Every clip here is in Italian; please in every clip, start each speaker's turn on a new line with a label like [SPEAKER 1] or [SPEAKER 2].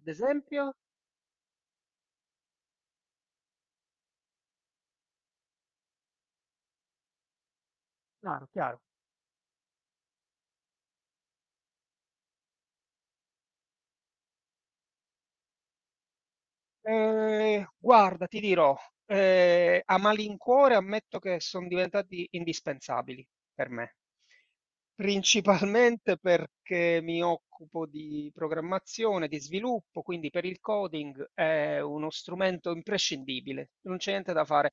[SPEAKER 1] Ad esempio? Chiaro, chiaro. Guarda, ti dirò, a malincuore ammetto che son diventati indispensabili per me. Principalmente perché mi occupo di programmazione, di sviluppo, quindi per il coding è uno strumento imprescindibile, non c'è niente da fare.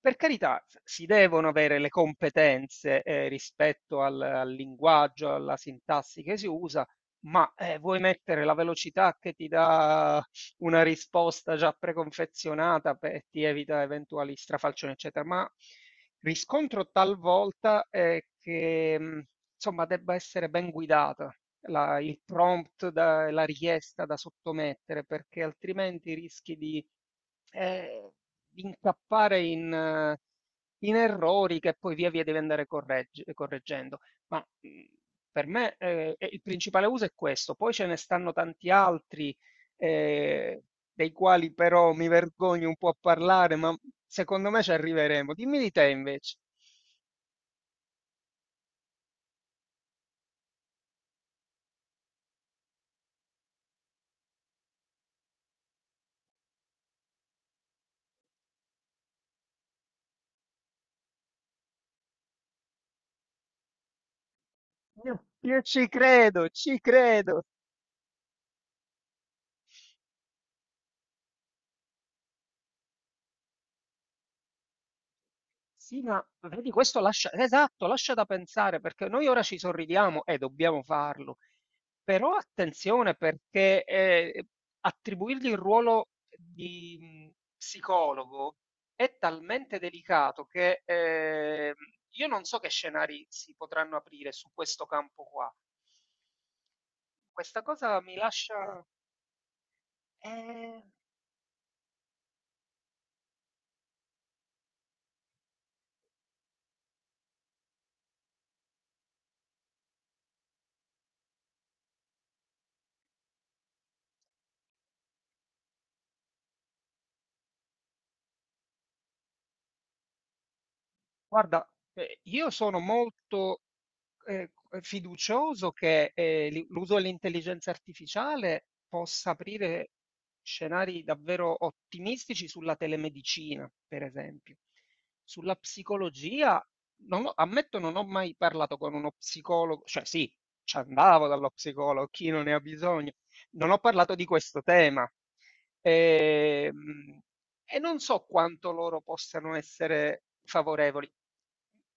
[SPEAKER 1] Per carità, s si devono avere le competenze, rispetto al linguaggio, alla sintassi che si usa, ma, vuoi mettere la velocità che ti dà una risposta già preconfezionata e ti evita eventuali strafalcioni, eccetera. Ma riscontro talvolta è che insomma debba essere ben guidata il prompt, la richiesta da sottomettere, perché altrimenti rischi eh, di incappare in, in errori che poi via via devi andare correggendo. Ma per me il principale uso è questo, poi ce ne stanno tanti altri eh, dei quali però mi vergogno un po' a parlare, ma secondo me ci arriveremo. Dimmi di te invece. Io ci credo, ci credo. Sì, ma vedi, questo lascia, esatto, lascia da pensare perché noi ora ci sorridiamo e dobbiamo farlo, però attenzione perché attribuirgli il ruolo di psicologo è talmente delicato che io non so che scenari si potranno aprire su questo campo qua. Questa cosa mi lascia... eh, guarda, io sono molto eh, fiducioso che l'uso dell'intelligenza artificiale possa aprire scenari davvero ottimistici sulla telemedicina, per esempio. Sulla psicologia, non ho- ammetto, non ho mai parlato con uno psicologo, cioè sì, ci andavo dallo psicologo, chi non ne ha bisogno. Non ho parlato di questo tema. Ehm, E non so quanto loro possano essere favorevoli.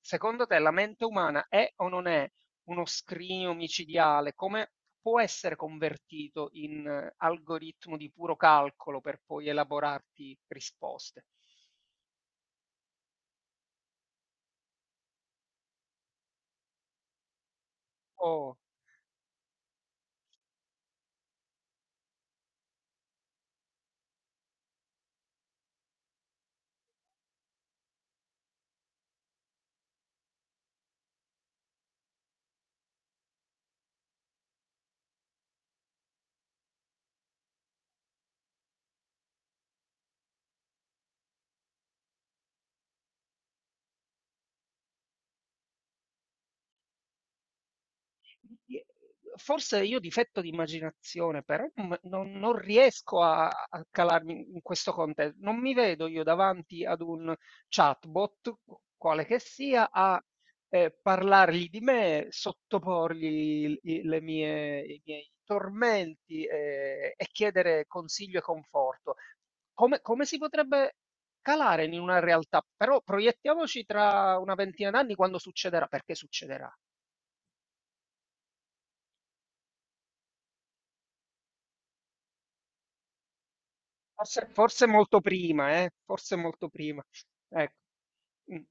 [SPEAKER 1] Secondo te la mente umana è o non è uno scrigno micidiale? Come può essere convertito in algoritmo di puro calcolo per poi elaborarti risposte? O forse io difetto di immaginazione, però non riesco a calarmi in questo contesto. Non mi vedo io davanti ad un chatbot, quale che sia, a parlargli di me, sottoporgli i miei tormenti e chiedere consiglio e conforto. Come, come si potrebbe calare in una realtà? Però proiettiamoci tra una ventina d'anni quando succederà, perché succederà. Forse, forse molto prima, eh? Forse molto prima. Ecco. Mm.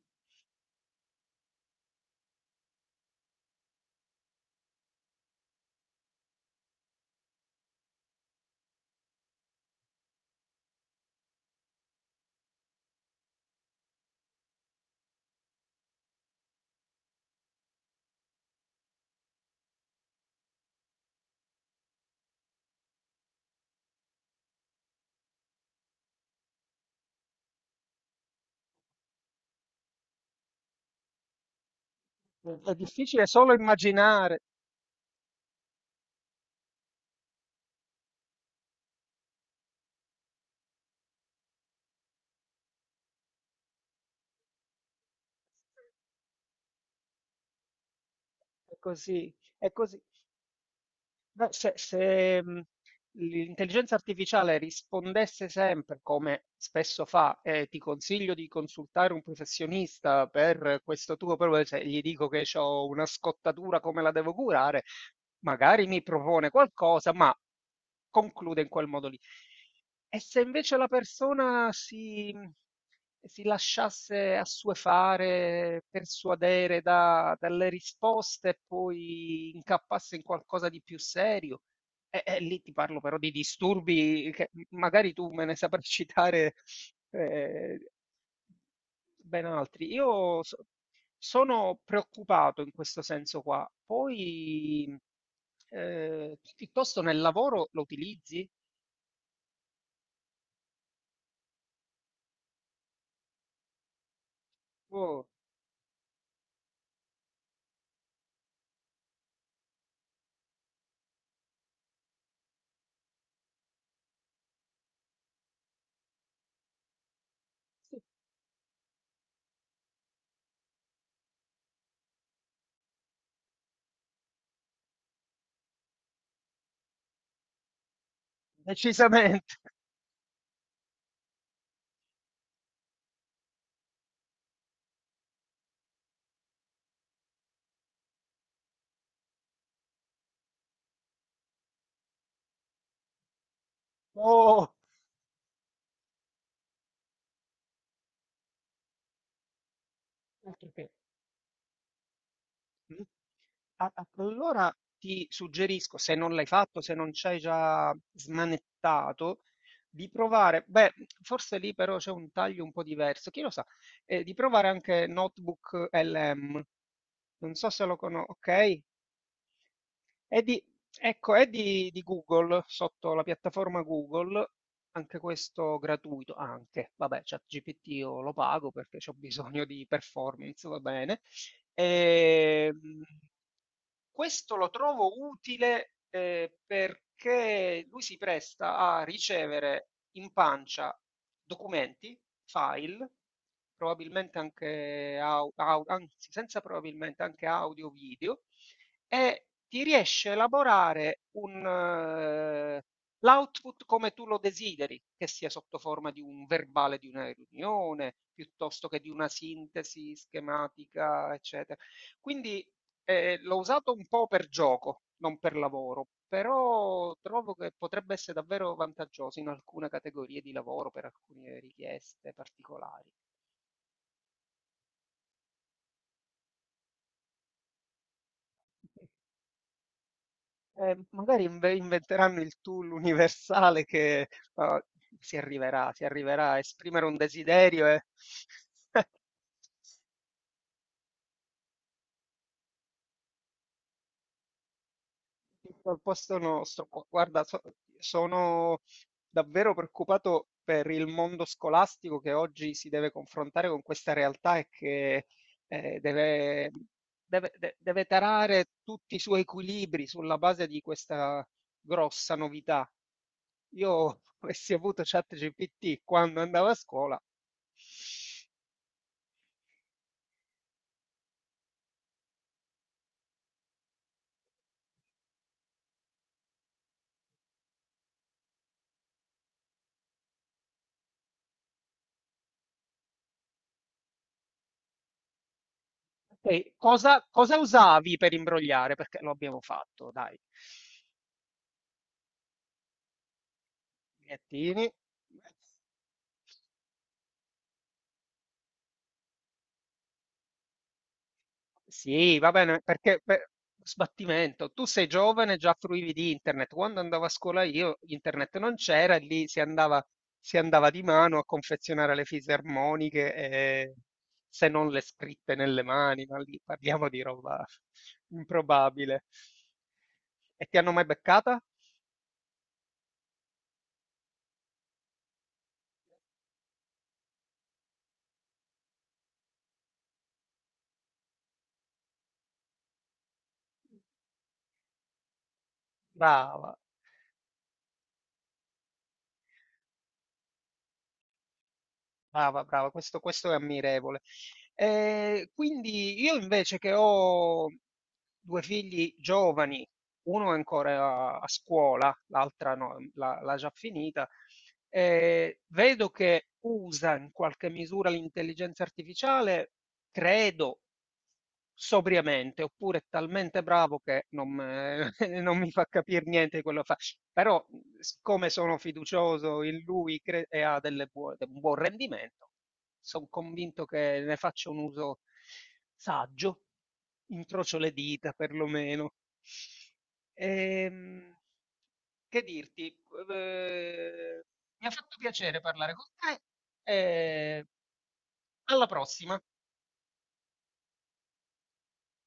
[SPEAKER 1] È difficile solo immaginare, è così, è così. Beh, se, l'intelligenza artificiale rispondesse sempre, come spesso fa, e ti consiglio di consultare un professionista per questo tuo problema, se gli dico che ho una scottatura, come la devo curare, magari mi propone qualcosa, ma conclude in quel modo lì. E se invece la persona si lasciasse assuefare, persuadere da dalle risposte e poi incappasse in qualcosa di più serio? Lì ti parlo però di disturbi che m magari tu me ne saprai citare, ehm ben altri. Io sono preoccupato in questo senso qua. Poi, tu piuttosto nel lavoro lo utilizzi? O decisamente. Oh. Altro che. Mh. A a Allora ti suggerisco, se non l'hai fatto, se non c'hai già smanettato, di provare beh, forse lì però c'è un taglio un po' diverso, chi lo sa, di provare anche Notebook LM. Non so se lo cono okay? È di, ecco, è di Google, sotto la piattaforma Google, anche questo gratuito, anche, vabbè, ChatGPT io lo pago perché ho bisogno di performance, va bene. Ehm, Questo lo trovo utile, perché lui si presta a ricevere in pancia documenti, file, probabilmente anche au au anzi senza probabilmente, anche audio, video e ti riesce a elaborare un l'output come tu lo desideri, che sia sotto forma di un verbale di una riunione, piuttosto che di una sintesi schematica, eccetera. Quindi l'ho usato un po' per gioco, non per lavoro, però trovo che potrebbe essere davvero vantaggioso in alcune categorie di lavoro, per alcune richieste particolari. Magari inventeranno il tool universale che eh, si arriverà a esprimere un desiderio e al posto nostro. Guarda, sono davvero preoccupato per il mondo scolastico che oggi si deve confrontare con questa realtà e che deve, deve tarare tutti i suoi equilibri sulla base di questa grossa novità. Io avessi avuto ChatGPT quando andavo a scuola, ok, cosa, cosa usavi per imbrogliare? Perché lo abbiamo fatto, dai. Bigliettini. Sì, va bene, sbattimento, tu sei giovane, già fruivi di internet. Quando andavo a scuola io, internet non c'era, e lì si andava di mano a confezionare le fisarmoniche, e, se non le scritte nelle mani, ma lì parliamo di roba improbabile. E ti hanno mai beccata? Brava. Brava, brava, questo è ammirevole. Quindi io invece che ho due figli giovani, uno è ancora a scuola, l'altra no, l'ha già finita, vedo che usa in qualche misura l'intelligenza artificiale, credo, sobriamente, oppure è talmente bravo che non, non mi fa capire niente di quello che fa. Però, siccome sono fiducioso in lui cre e ha delle buo un buon rendimento, son convinto che ne faccia un uso saggio, incrocio le dita perlomeno. Ehm, che dirti, ehm, mi ha fatto piacere parlare con te e alla prossima.